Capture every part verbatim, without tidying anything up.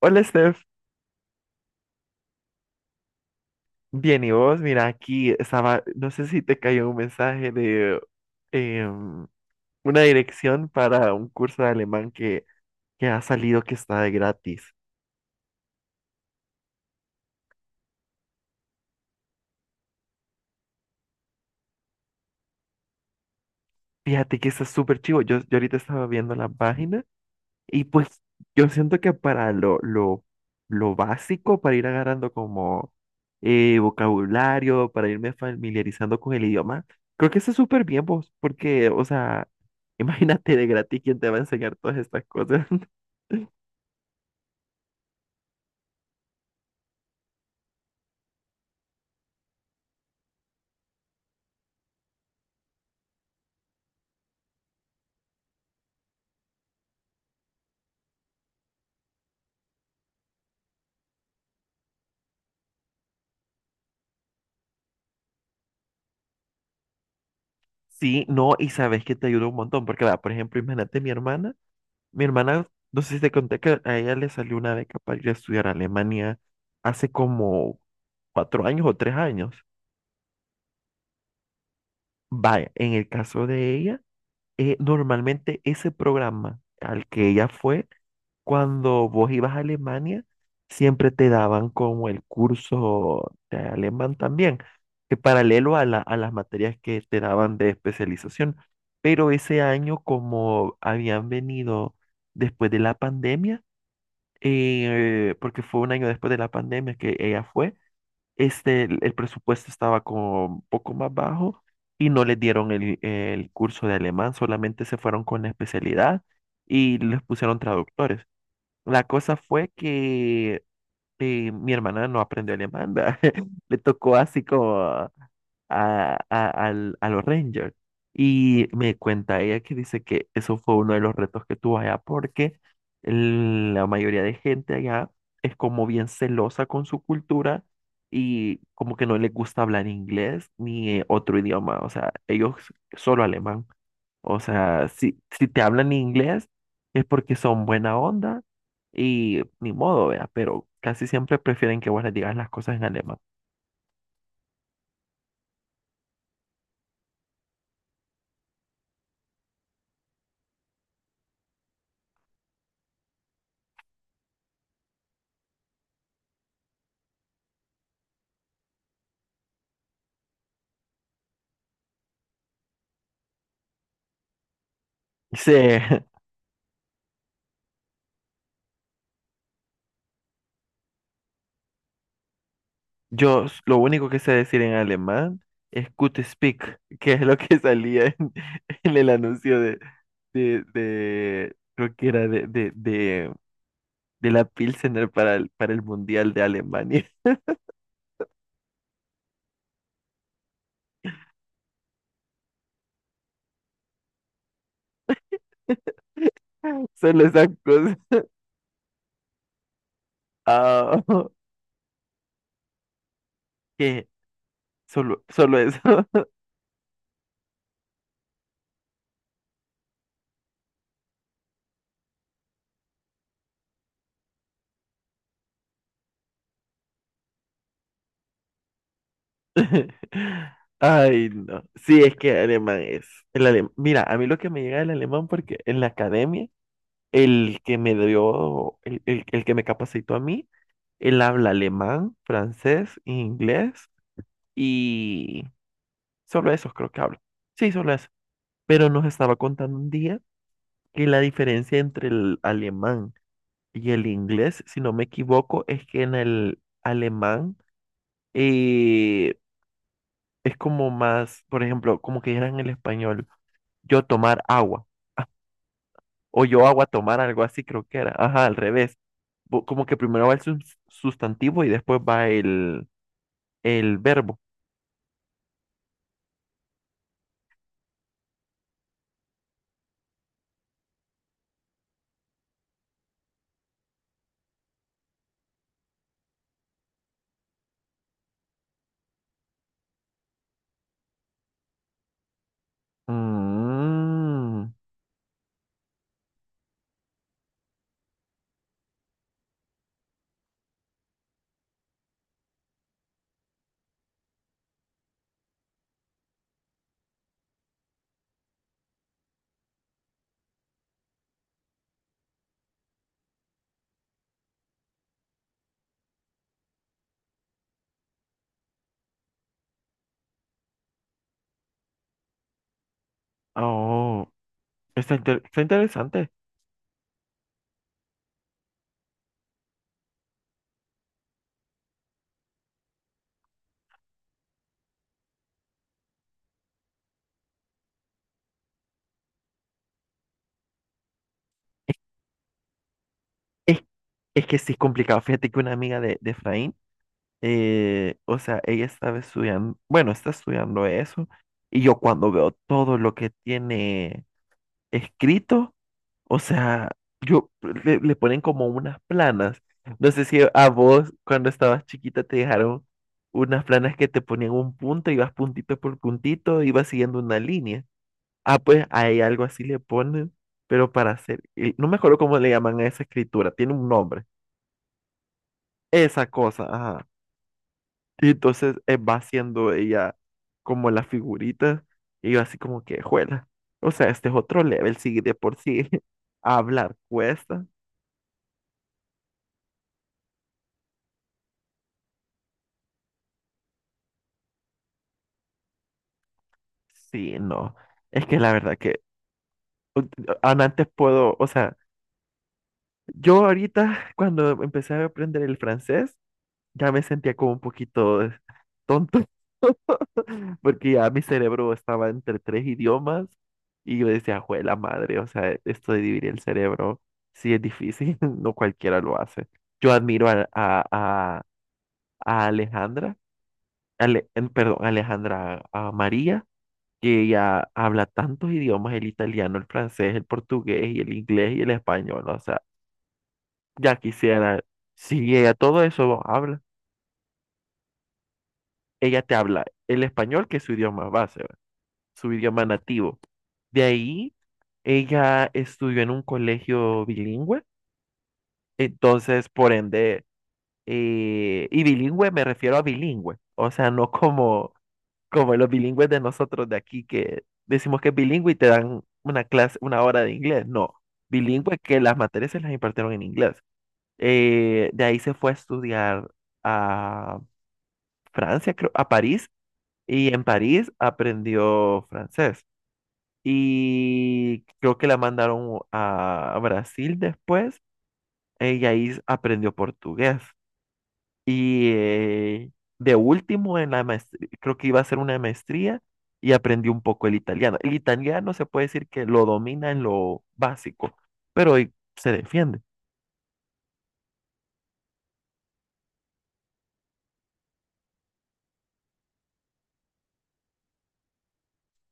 Hola Steph, bien, ¿y vos? Mira, aquí estaba, no sé si te cayó un mensaje de em, una dirección para un curso de alemán que, que ha salido que está de gratis. Fíjate que está súper chivo. Yo, yo ahorita estaba viendo la página y pues yo siento que para lo, lo, lo básico, para ir agarrando como eh, vocabulario, para irme familiarizando con el idioma, creo que está súper bien vos, porque, o sea, imagínate de gratis quién te va a enseñar todas estas cosas. Sí, no, y sabes que te ayuda un montón, porque va, por ejemplo, imagínate mi hermana, mi hermana, no sé si te conté que a ella le salió una beca para ir a estudiar a Alemania hace como cuatro años o tres años. Vaya, en el caso de ella. Eh, normalmente ese programa al que ella fue, cuando vos ibas a Alemania, siempre te daban como el curso de alemán también, que paralelo a la- a las materias que te daban de especialización. Pero ese año, como habían venido después de la pandemia, eh, porque fue un año después de la pandemia que ella fue, este, el, el presupuesto estaba como un poco más bajo y no les dieron el, el curso de alemán, solamente se fueron con la especialidad y les pusieron traductores. La cosa fue que eh, mi hermana no aprendió alemán, ¿verdad? Le tocó así como a, a- al- a los Rangers. Y me cuenta ella que dice que eso fue uno de los retos que tuvo allá porque el- la mayoría de gente allá es como bien celosa con su cultura y como que no les gusta hablar inglés ni eh, otro idioma, o sea, ellos solo alemán. O sea, si, si te hablan inglés es porque son buena onda y ni modo, vea, pero casi siempre prefieren que vos les digas las cosas en alemán. Sí. Yo s- lo único que sé decir en alemán es Gute Speak, que es lo que salía en, en el anuncio de, de, de- creo que era de, de, de, de la Pilsener para el, para el Mundial de Alemania. Solo esas cosas. Ah, que solo, solo eso. Ay, no. Sí, es que alemán es. El alem- Mira, a mí lo que me llega del alemán, porque en la academia, el que me dio, el, el, el que me capacitó a mí, él habla alemán, francés, inglés y solo esos creo que habla. Sí, solo eso. Pero nos estaba contando un día que la diferencia entre el alemán y el inglés, si no me equivoco, es que en el alemán eh, es como más, por ejemplo, como que era en el español, yo tomar agua o yo agua tomar, algo así creo que era. Ajá, al revés. Bu- Como que primero va el sus- sustantivo y después va el, el verbo. Mm. Oh, está, inter- está interesante. Es, es que sí es complicado. Fíjate que una amiga de, de Efraín, eh, o sea, ella estaba estudiando, bueno, está estudiando eso, y yo cuando veo todo lo que tiene escrito, o sea, yo le, le ponen como unas planas. No sé si a vos cuando estabas chiquita te dejaron unas planas que te ponían un punto, ibas puntito por puntito, ibas siguiendo una línea. Ah, pues hay algo así le ponen, pero para hacer, y no me acuerdo cómo le llaman a esa escritura, tiene un nombre, esa cosa, ajá. Y entonces eh, va haciendo ella como las figuritas, y yo así como que, juela. O sea, este es otro level, sí, de por sí hablar cuesta. Sí, no. Es que la verdad que u- aún antes puedo, o sea, yo ahorita cuando empecé a aprender el francés, ya me sentía como un poquito tonto, porque ya mi cerebro estaba entre tres idiomas y yo decía, jue la madre, o sea, esto de dividir el cerebro sí es difícil, no cualquiera lo hace. Yo admiro a, a, a, a Alejandra, Ale- em, perdón, Alejandra, a María, que ella habla tantos idiomas, el italiano, el francés, el portugués y el inglés y el español, o sea, ya quisiera, si ella todo eso habla, ella te habla el español, que es su idioma base, ¿va? Su idioma nativo. De ahí, ella estudió en un colegio bilingüe, entonces, por ende, eh, y bilingüe me refiero a bilingüe, o sea, no como, como los bilingües de nosotros de aquí que decimos que es bilingüe y te dan una clase, una hora de inglés, no, bilingüe que las materias se las impartieron en inglés. Eh, de ahí se fue a estudiar a Francia, creo, a París, y en París aprendió francés. Y creo que la mandaron a Brasil después, eh, y ahí aprendió portugués. Y eh, de último, en la maestría, creo que iba a hacer una maestría y aprendió un poco el italiano. El italiano se puede decir que lo domina en lo básico, pero eh, se defiende.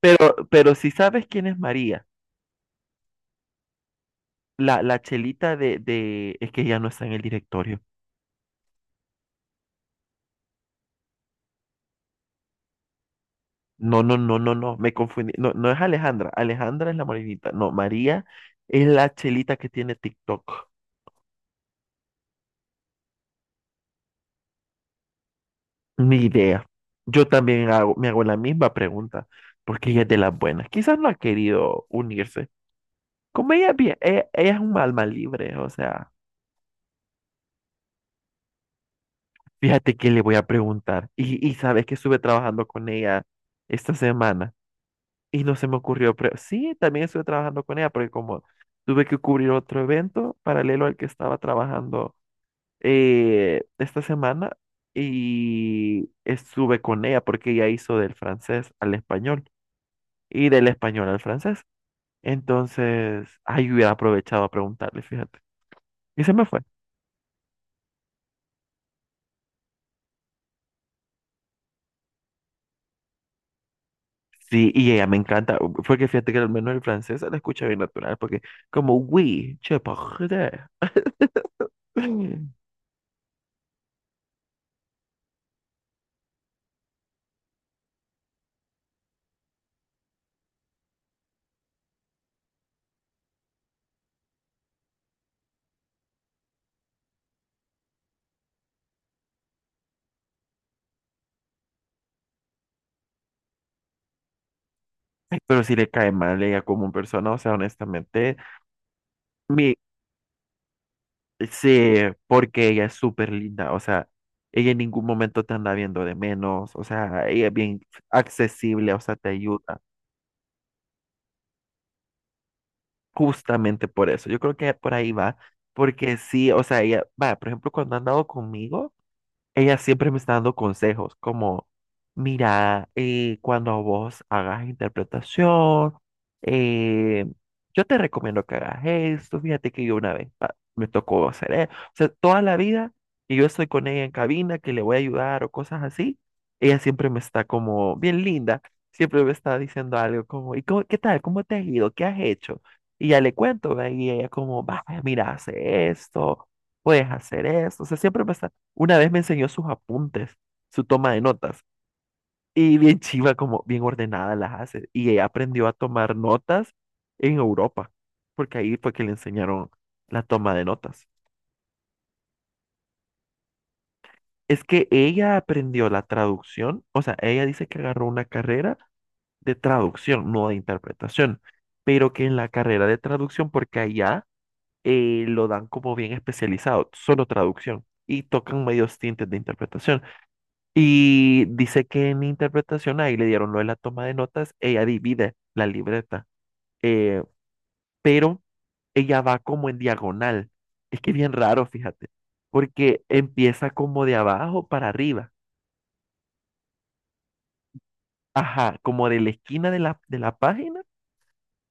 Pero, pero si sabes quién es María, la, la chelita de, de, es que ya no está en el directorio. No, no, no, no, no, me confundí. No, no es Alejandra. Alejandra es la morenita. No, María es la chelita que tiene TikTok. Ni idea. Yo también hago, me hago la misma pregunta, porque ella es de las buenas. Quizás no ha querido unirse. Como ella, es bien- ella, ella es un alma libre, o sea, fíjate que le voy a preguntar. Y, y sabes que estuve trabajando con ella esta semana y no se me ocurrió. Pre- sí, también estuve trabajando con ella, porque como tuve que cubrir otro evento paralelo al que estaba trabajando eh, esta semana y estuve con ella porque ella hizo del francés al español y del español al francés. Entonces, ahí hubiera aprovechado a preguntarle, fíjate. Y se me fue. Sí, y ella me encanta, porque fíjate que al menos el francés se la escucha bien natural, porque como, oui, je parle. Pero si le cae mal ella como persona, o sea, honestamente, mi sí, porque ella es súper linda, o sea, ella en ningún momento te anda viendo de menos, o sea, ella es bien accesible, o sea, te ayuda, justamente por eso. Yo creo que por ahí va, porque sí, o sea, ella, va, por ejemplo, cuando ha andado conmigo. Ella siempre me está dando consejos como, mira, eh, cuando vos hagas interpretación, eh, yo te recomiendo que hagas esto, fíjate que yo una vez pa, me tocó hacer eso, o sea, toda la vida que yo estoy con ella en cabina, que le voy a ayudar o cosas así, ella siempre me está como bien linda, siempre me está diciendo algo como, ¿y cómo- qué tal? ¿Cómo te has ido? ¿Qué has hecho? Y ya le cuento, ¿ve? Y ella como, vaya, mira, hace esto, puedes hacer esto, o sea, siempre me está. Una vez me enseñó sus apuntes, su toma de notas, y bien chiva, como bien ordenada las hace. Y ella aprendió a tomar notas en Europa, porque ahí fue que le enseñaron la toma de notas. Es que ella aprendió la traducción, o sea, ella dice que agarró una carrera de traducción, no de interpretación, pero que en la carrera de traducción, porque allá eh, lo dan como bien especializado, solo traducción, y tocan medios tintes de interpretación. Y dice que en interpretación ahí le dieron lo de la toma de notas, ella divide la libreta, eh, pero ella va como en diagonal. Es que es bien raro, fíjate, porque empieza como de abajo para arriba, ajá, como de la esquina de la, de la página,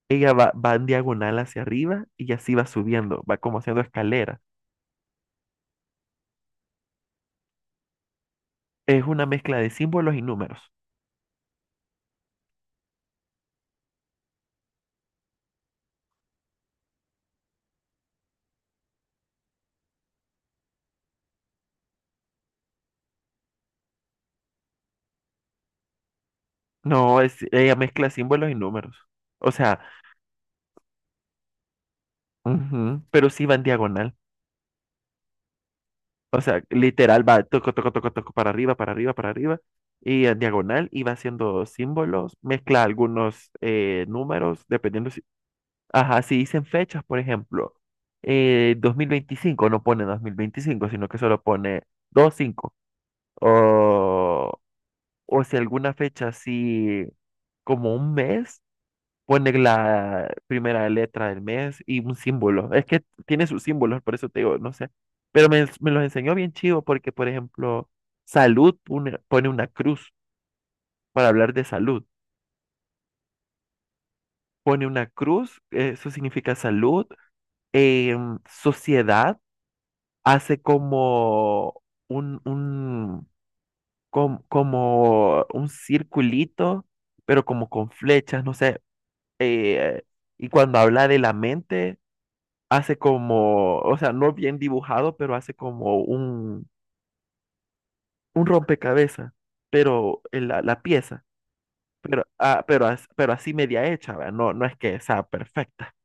ella va, va en diagonal hacia arriba y así va subiendo, va como haciendo escalera. Es una mezcla de símbolos y números. No, es, ella mezcla símbolos y números. O sea, ujú, pero sí va en diagonal. O sea, literal va toco, toco, toco, toco para arriba, para arriba, para arriba. Y en diagonal y va haciendo símbolos, mezcla algunos eh, números, dependiendo si... Ajá, si dicen fechas, por ejemplo, eh, dos mil veinticinco no pone dos mil veinticinco sino que solo pone veinticinco. O, o si alguna fecha así como un mes, poner la primera letra del mes y un símbolo. Es que tiene sus símbolos, por eso te digo, no sé. Pero me, me los enseñó bien chido porque, por ejemplo, salud pone, pone una cruz para hablar de salud. Pone una cruz, eh, eso significa salud. Em, sociedad hace como un, un, com- como un circulito, pero como con flechas, no sé. eh, y cuando habla de la mente hace como, o sea, no bien dibujado, pero hace como un, un rompecabezas, pero en la, la pieza, pero, ah, pero, as- pero así media hecha, ¿verdad? No, no es que sea perfecta.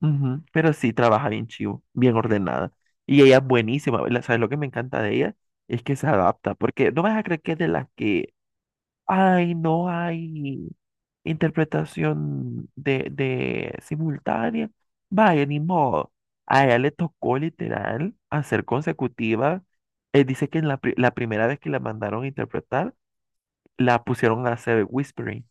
Ujú. Pero sí trabaja bien chivo, bien ordenada. Y ella es buenísima, la- ¿sabes lo que me encanta de ella? Es que se adapta, porque no vas a creer que es de las que, ay, no hay interpretación de, de simultánea. Vaya, ni modo. A ella le tocó literal hacer consecutiva. Él dice que en la, pri- la primera vez que la mandaron a interpretar, la pusieron a hacer whispering.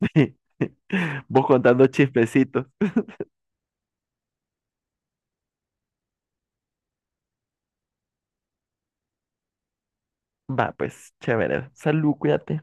Vos contando chispecitos. Va, pues, chévere. Salud, cuídate.